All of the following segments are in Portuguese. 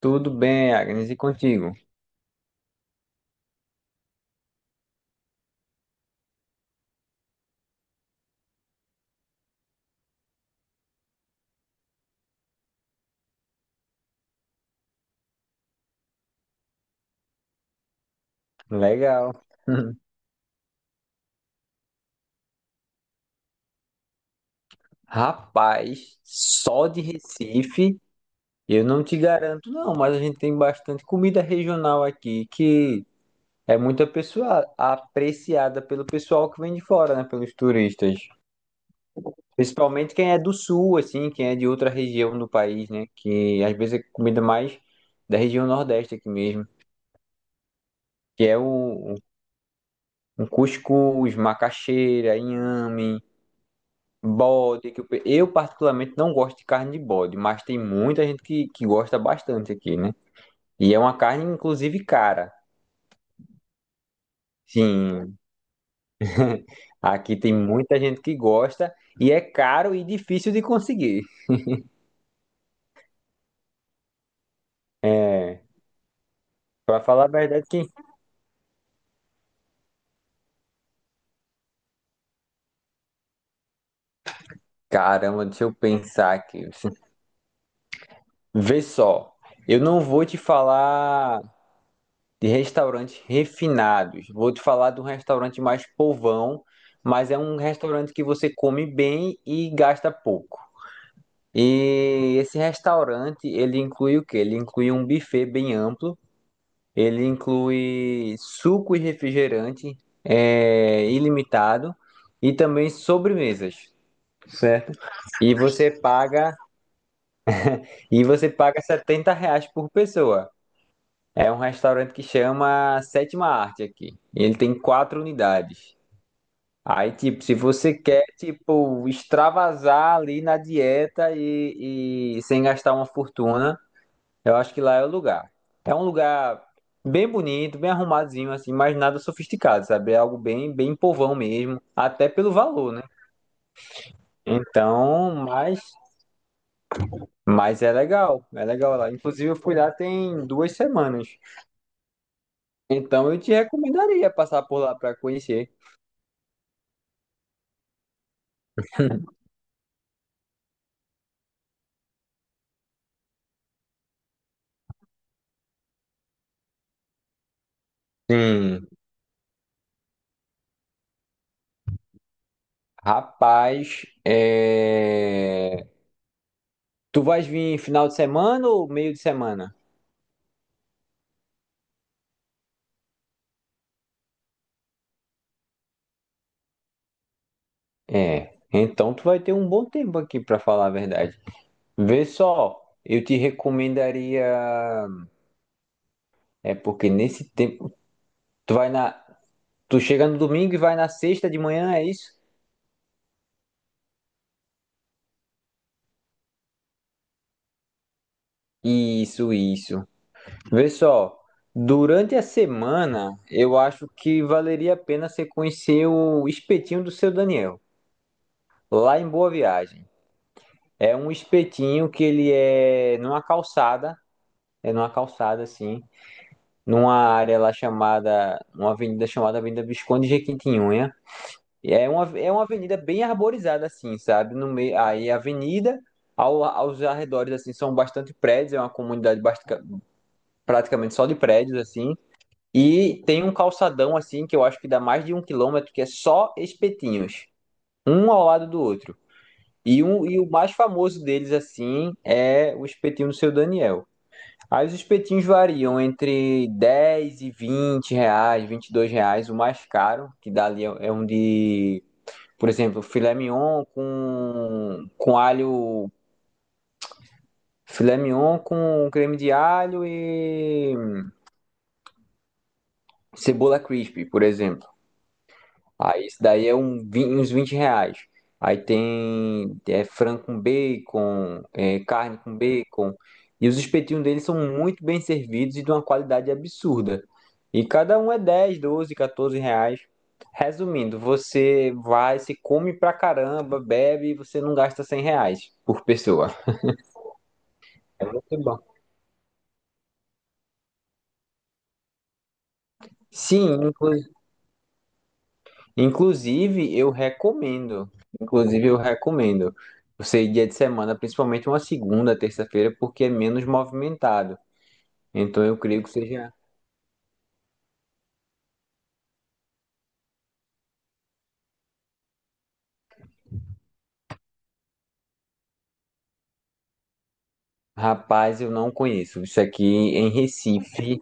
Tudo bem, Agnes, e contigo? Legal. Rapaz, só de Recife eu não te garanto, não, mas a gente tem bastante comida regional aqui que é muito apreciada pelo pessoal que vem de fora, né? Pelos turistas. Principalmente quem é do sul, assim, quem é de outra região do país, né? Que às vezes é comida mais da região nordeste aqui mesmo, que é o cuscuz, macaxeira, inhame. Bode, que eu particularmente não gosto de carne de bode, mas tem muita gente que gosta bastante aqui, né? E é uma carne, inclusive, cara. Sim. Aqui tem muita gente que gosta e é caro e difícil de conseguir. É, pra falar a verdade, quem... Caramba, deixa eu pensar aqui. Vê só, eu não vou te falar de restaurantes refinados, vou te falar de um restaurante mais povão, mas é um restaurante que você come bem e gasta pouco. E esse restaurante, ele inclui o quê? Ele inclui um buffet bem amplo, ele inclui suco e refrigerante ilimitado e também sobremesas, certo? E você paga e você paga R$ 70 por pessoa. É um restaurante que chama Sétima Arte aqui. Ele tem quatro unidades. Aí, tipo, se você quer, tipo, extravasar ali na dieta e sem gastar uma fortuna, eu acho que lá é o lugar. É um lugar bem bonito, bem arrumadinho, assim, mas nada sofisticado, sabe? É algo bem, bem povão mesmo, até pelo valor, né? Então, mas é legal lá. Inclusive, eu fui lá tem 2 semanas. Então, eu te recomendaria passar por lá para conhecer. Sim. Rapaz, é... tu vais vir final de semana ou meio de semana? É. Então, tu vai ter um bom tempo aqui, para falar a verdade. Vê só, eu te recomendaria. É porque nesse tempo. Tu vai na. Tu chega no domingo e vai na sexta de manhã, é isso? Isso, isso. Vê só, durante a semana, eu acho que valeria a pena você conhecer o espetinho do seu Daniel, lá em Boa Viagem. É um espetinho que ele é numa calçada assim, numa área lá chamada, uma avenida chamada Avenida Visconde de Jequitinhonha. E é uma, é uma avenida bem arborizada, assim, sabe? No meio, aí a avenida, aos arredores, assim, são bastante prédios, é uma comunidade praticamente só de prédios, assim. E tem um calçadão, assim, que eu acho que dá mais de 1 km, que é só espetinhos, um ao lado do outro. E o mais famoso deles, assim, é o espetinho do Seu Daniel. Aí os espetinhos variam entre R$ 10 e R$ 20, R$ 22, o mais caro, que dá ali é um de, por exemplo, filé mignon com alho. Filé mignon com creme de alho e cebola crispy, por exemplo. Aí isso daí é um, uns R$ 20. Aí tem é, frango com bacon, é, carne com bacon. E os espetinhos deles são muito bem servidos e de uma qualidade absurda. E cada um é dez, doze, 14 reais. Resumindo, você vai, se come pra caramba, bebe e você não gasta R$ 100 por pessoa. É muito bom. Sim, inclusive eu recomendo. Inclusive eu recomendo. Você ir dia de semana, principalmente uma segunda, terça-feira, porque é menos movimentado. Então eu creio que seja. Rapaz, eu não conheço. Isso aqui em Recife.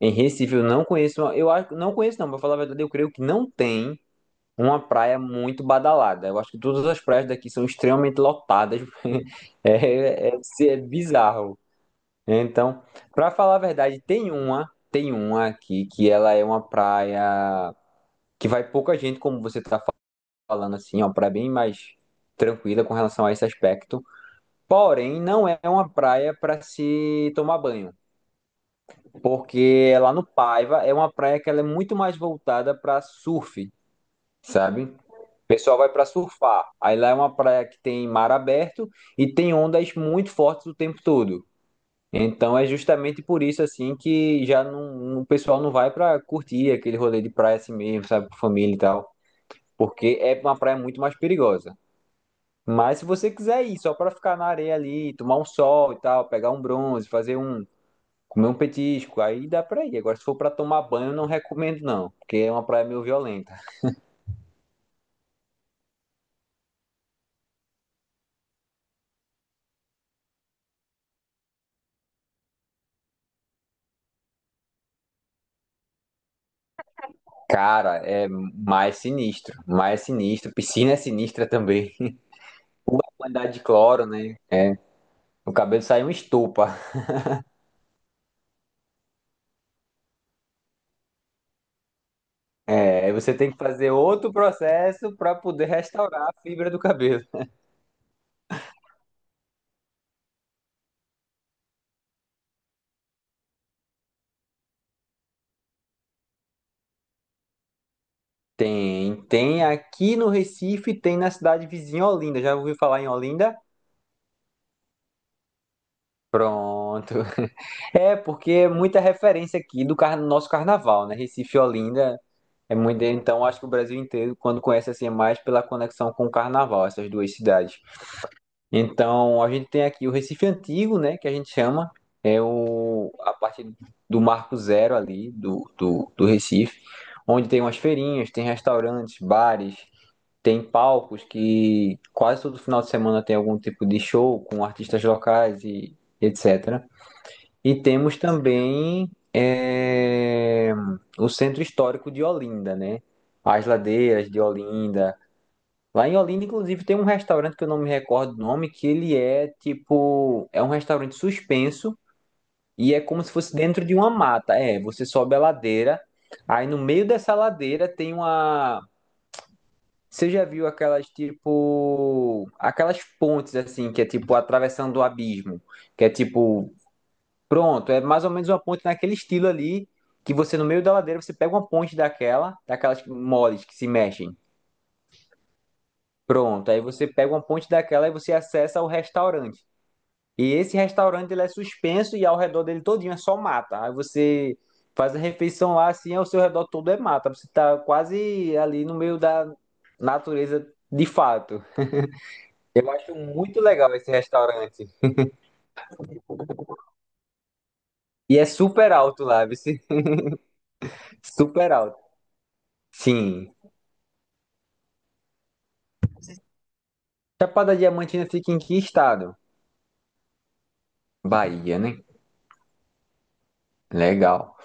Em Recife eu não conheço. Eu acho, não conheço, não. Pra falar a verdade, eu creio que não tem uma praia muito badalada. Eu acho que todas as praias daqui são extremamente lotadas. É, é, é bizarro. Então, pra falar a verdade, tem uma aqui que ela é uma praia que vai pouca gente, como você tá falando assim, ó, praia bem mais tranquila com relação a esse aspecto. Porém, não é uma praia para se tomar banho, porque lá no Paiva é uma praia que ela é muito mais voltada para surf, sabe? O pessoal vai para surfar. Aí lá é uma praia que tem mar aberto e tem ondas muito fortes o tempo todo. Então é justamente por isso assim que já não, o pessoal não vai pra curtir aquele rolê de praia assim mesmo, sabe, com família e tal, porque é uma praia muito mais perigosa. Mas se você quiser ir só pra ficar na areia ali, tomar um sol e tal, pegar um bronze, fazer um, comer um petisco, aí dá pra ir. Agora se for pra tomar banho, eu não recomendo não, porque é uma praia meio violenta. Cara, é mais sinistro, mais sinistro. Piscina é sinistra também. A quantidade de cloro, né? O cabelo sai uma estopa. É, aí você tem que fazer outro processo para poder restaurar a fibra do cabelo. Tem aqui no Recife, tem na cidade vizinha Olinda. Já ouviu falar em Olinda? Pronto. É, porque é muita referência aqui nosso carnaval, né? Recife e Olinda é muito. Então, acho que o Brasil inteiro, quando conhece assim, é mais pela conexão com o carnaval, essas duas cidades. Então, a gente tem aqui o Recife Antigo, né, que a gente chama, é a parte do Marco Zero ali, do Recife, onde tem umas feirinhas, tem restaurantes, bares, tem palcos que quase todo final de semana tem algum tipo de show com artistas locais e etc. E temos também o Centro Histórico de Olinda, né? As ladeiras de Olinda, lá em Olinda, inclusive, tem um restaurante que eu não me recordo o nome, que ele é tipo, é um restaurante suspenso e é como se fosse dentro de uma mata. É, você sobe a ladeira, aí no meio dessa ladeira tem uma. Você já viu aquelas tipo, aquelas pontes assim, que é tipo atravessando o abismo, que é tipo, pronto, é mais ou menos uma ponte naquele estilo ali, que você no meio da ladeira você pega uma ponte daquela, daquelas moles que se mexem. Pronto, aí você pega uma ponte daquela e você acessa o restaurante. E esse restaurante ele é suspenso e ao redor dele todinho é só mata. Aí você faz a refeição lá assim, ao seu redor todo é mata. Você tá quase ali no meio da natureza de fato. Eu acho muito legal esse restaurante. E é super alto lá, viu? Super alto. Sim. Chapada Diamantina fica em que estado? Bahia, né? Legal.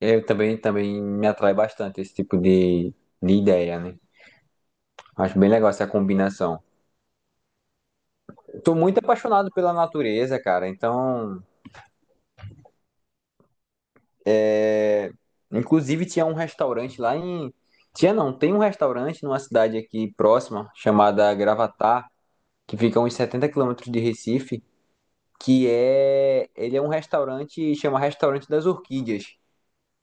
Eu também, também me atrai bastante esse tipo de ideia, né? Acho bem legal essa combinação. Tô muito apaixonado pela natureza, cara. Então, é... inclusive tinha um restaurante lá em. Tinha não, tem um restaurante numa cidade aqui próxima, chamada Gravatar, que fica a uns 70 km de Recife, que é. Ele é um restaurante, chama Restaurante das Orquídeas,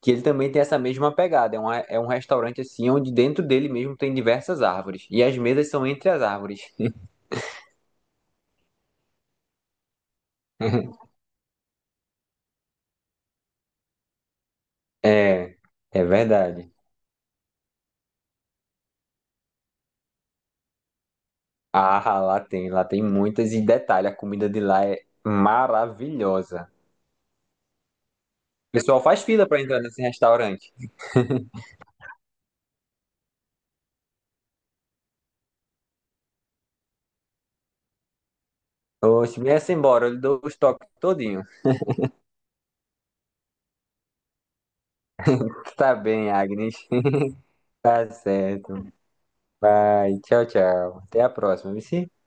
que ele também tem essa mesma pegada. É um restaurante assim, onde dentro dele mesmo tem diversas árvores. E as mesas são entre as árvores. É, é verdade. Ah, lá tem muitas. E detalhe, a comida de lá é maravilhosa. O pessoal faz fila pra entrar nesse restaurante. Oxe, me essa embora, eu lhe dou os toques todinho. Tá bem, Agnes. Tá certo. Vai, tchau, tchau. Até a próxima, viu?